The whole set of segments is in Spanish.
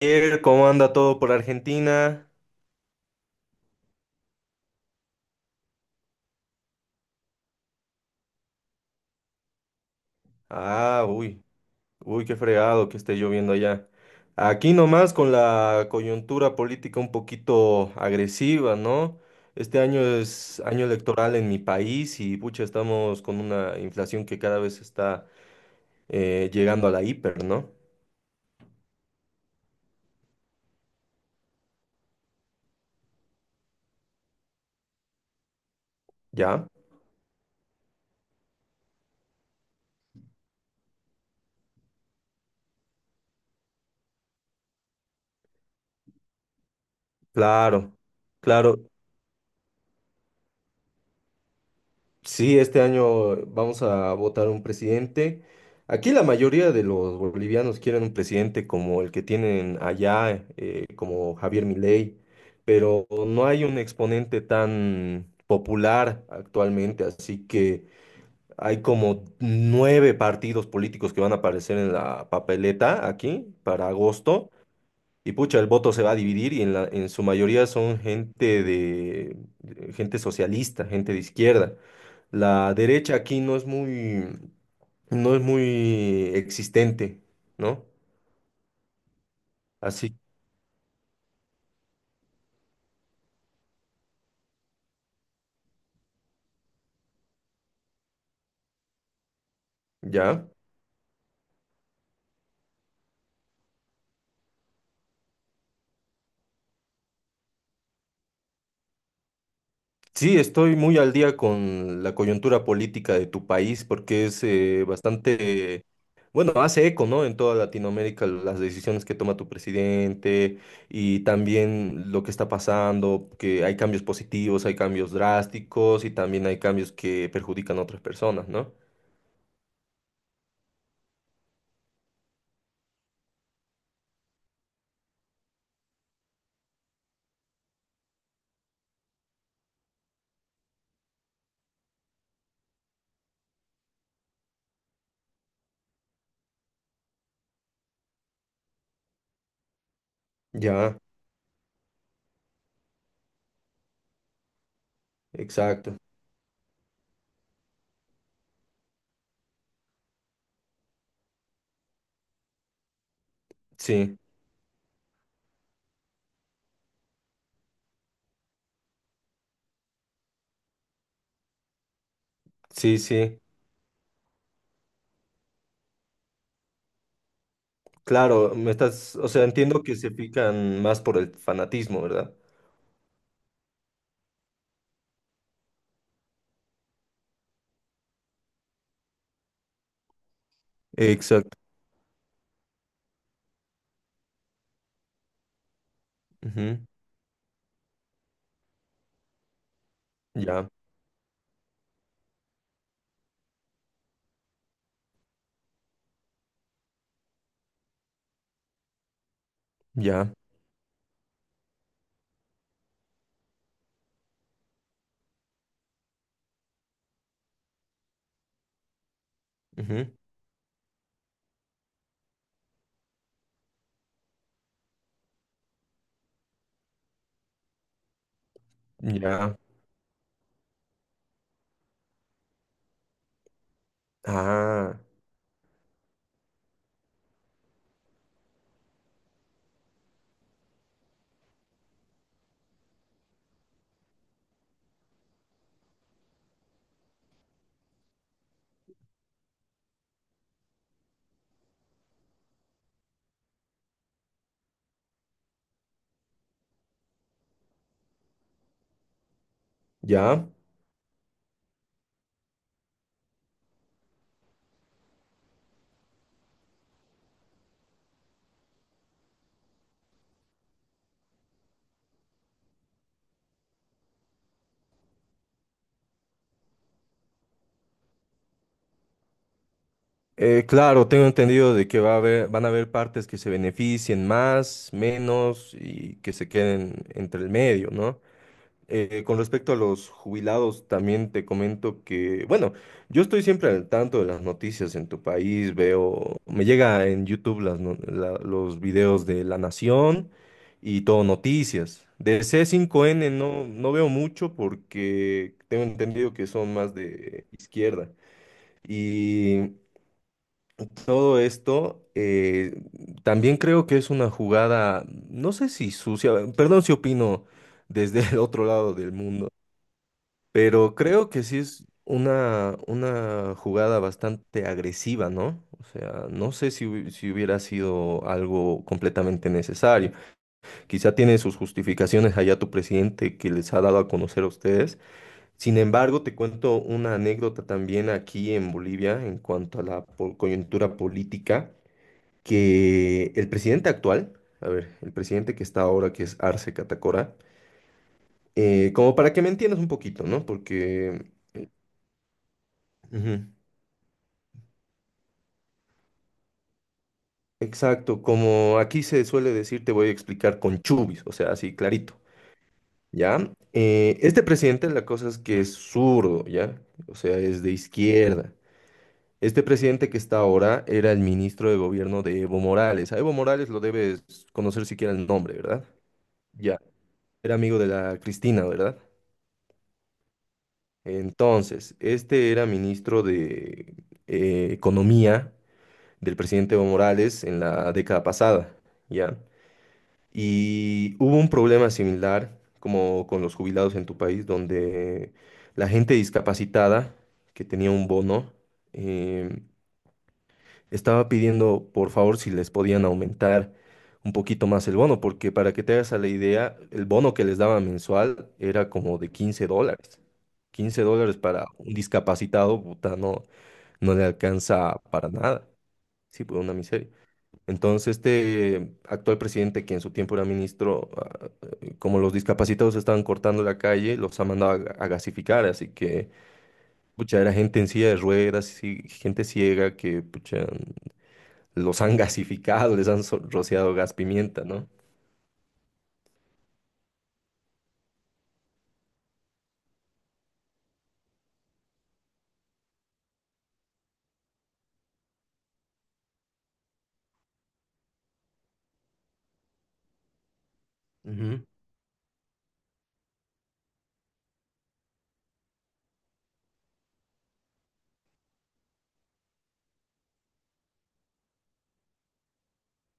Javier, ¿cómo anda todo por Argentina? Ah, uy, Qué fregado que esté lloviendo allá. Aquí nomás con la coyuntura política un poquito agresiva, ¿no? Este año es año electoral en mi país y pucha, estamos con una inflación que cada vez está llegando a la hiper, ¿no? Ya, claro, claro. Sí, este año vamos a votar un presidente. Aquí la mayoría de los bolivianos quieren un presidente como el que tienen allá, como Javier Milei, pero no hay un exponente tan popular actualmente, así que hay como 9 partidos políticos que van a aparecer en la papeleta aquí para agosto. Y pucha, el voto se va a dividir y en su mayoría son gente de, gente socialista, gente de izquierda. La derecha aquí no es muy, no es muy existente, ¿no? Así, ya. Sí, estoy muy al día con la coyuntura política de tu país porque es bastante, bueno, hace eco, ¿no? En toda Latinoamérica las decisiones que toma tu presidente y también lo que está pasando, que hay cambios positivos, hay cambios drásticos y también hay cambios que perjudican a otras personas, ¿no? Ya, exacto. Sí, sí, sí. Claro, me estás, o sea, entiendo que se fijan más por el fanatismo, ¿verdad? Exacto. Ujú, ya, ya, ujú, ya. Ah, ya. Claro, tengo entendido de que va a haber, van a haber partes que se beneficien más, menos y que se queden entre el medio, ¿no? Con respecto a los jubilados, también te comento que, bueno, yo estoy siempre al tanto de las noticias en tu país, veo, me llega en YouTube las los videos de La Nación y todo noticias. De C5N no, no veo mucho porque tengo entendido que son más de izquierda. Y todo esto también creo que es una jugada, no sé si sucia, perdón si opino desde el otro lado del mundo. Pero creo que sí es una jugada bastante agresiva, ¿no? O sea, no sé si, si hubiera sido algo completamente necesario. Quizá tiene sus justificaciones allá tu presidente que les ha dado a conocer a ustedes. Sin embargo, te cuento una anécdota también aquí en Bolivia en cuanto a la coyuntura política, que el presidente actual, a ver, el presidente que está ahora, que es Arce Catacora, como para que me entiendas un poquito, ¿no? Porque... ujú. Exacto, como aquí se suele decir, te voy a explicar con chubis, o sea, así clarito, ¿ya? Este presidente, la cosa es que es zurdo, ¿ya? O sea, es de izquierda. Este presidente que está ahora era el ministro de gobierno de Evo Morales. A Evo Morales lo debes conocer siquiera el nombre, ¿verdad? Ya, era amigo de la Cristina, ¿verdad? Entonces, este era ministro de Economía del presidente Evo Morales en la década pasada, ¿ya? Y hubo un problema similar como con los jubilados en tu país, donde la gente discapacitada que tenía un bono eh, estaba pidiendo por favor si les podían aumentar un poquito más el bono, porque para que te hagas a la idea, el bono que les daba mensual era como de 15 dólares. 15 dólares para un discapacitado, puta, no, no le alcanza para nada. Sí, por una miseria. Entonces, este actual presidente, que en su tiempo era ministro, ah, como los discapacitados estaban cortando la calle, los ha mandado a gasificar, así que, pucha, era gente en silla de ruedas, y gente ciega que, pucha, los han gasificado, les han rociado gas pimienta, ¿no? Ujú.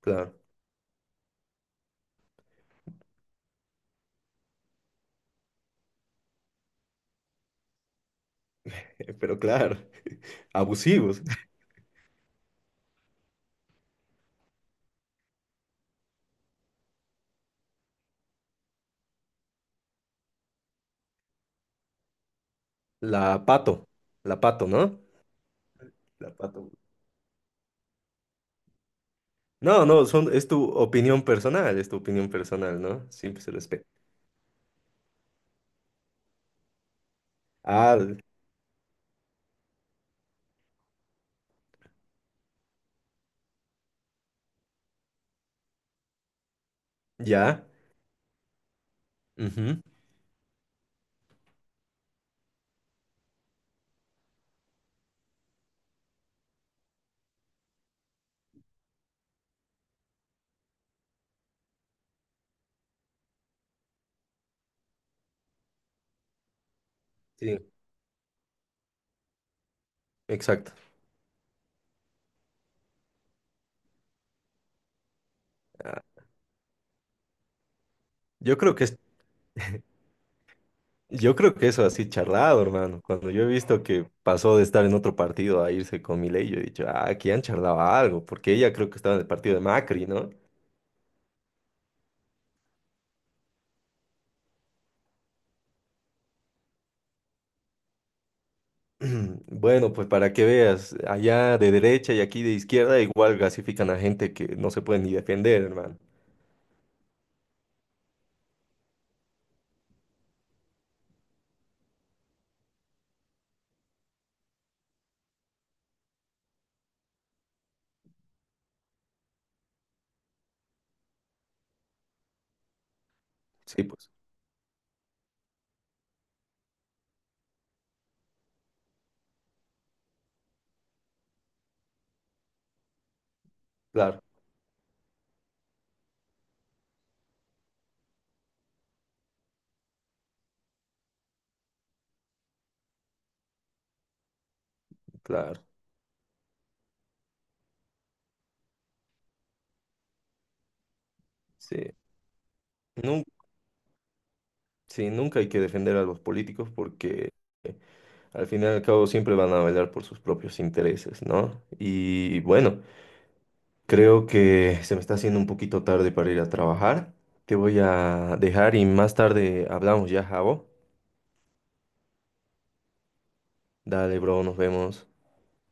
Claro, pero claro, abusivos. La pato, la pato, ¿no? La pato. No, no, son, es tu opinión personal, es tu opinión personal, ¿no? Siempre se respeta. Ah, ya. Sí, exacto. Yo creo que es, yo creo que eso así charlado, hermano. Cuando yo he visto que pasó de estar en otro partido a irse con Milei, yo he dicho, ah, aquí han charlado algo, porque ella creo que estaba en el partido de Macri, ¿no? Bueno, pues para que veas, allá de derecha y aquí de izquierda igual gasifican a gente que no se puede ni defender, hermano. Sí, pues, claro, claro, sí. Nun- sí, nunca hay que defender a los políticos porque al final y al cabo siempre van a velar por sus propios intereses, ¿no? Y bueno. Creo que se me está haciendo un poquito tarde para ir a trabajar. Te voy a dejar y más tarde hablamos ya, Javo. Dale, bro, nos vemos.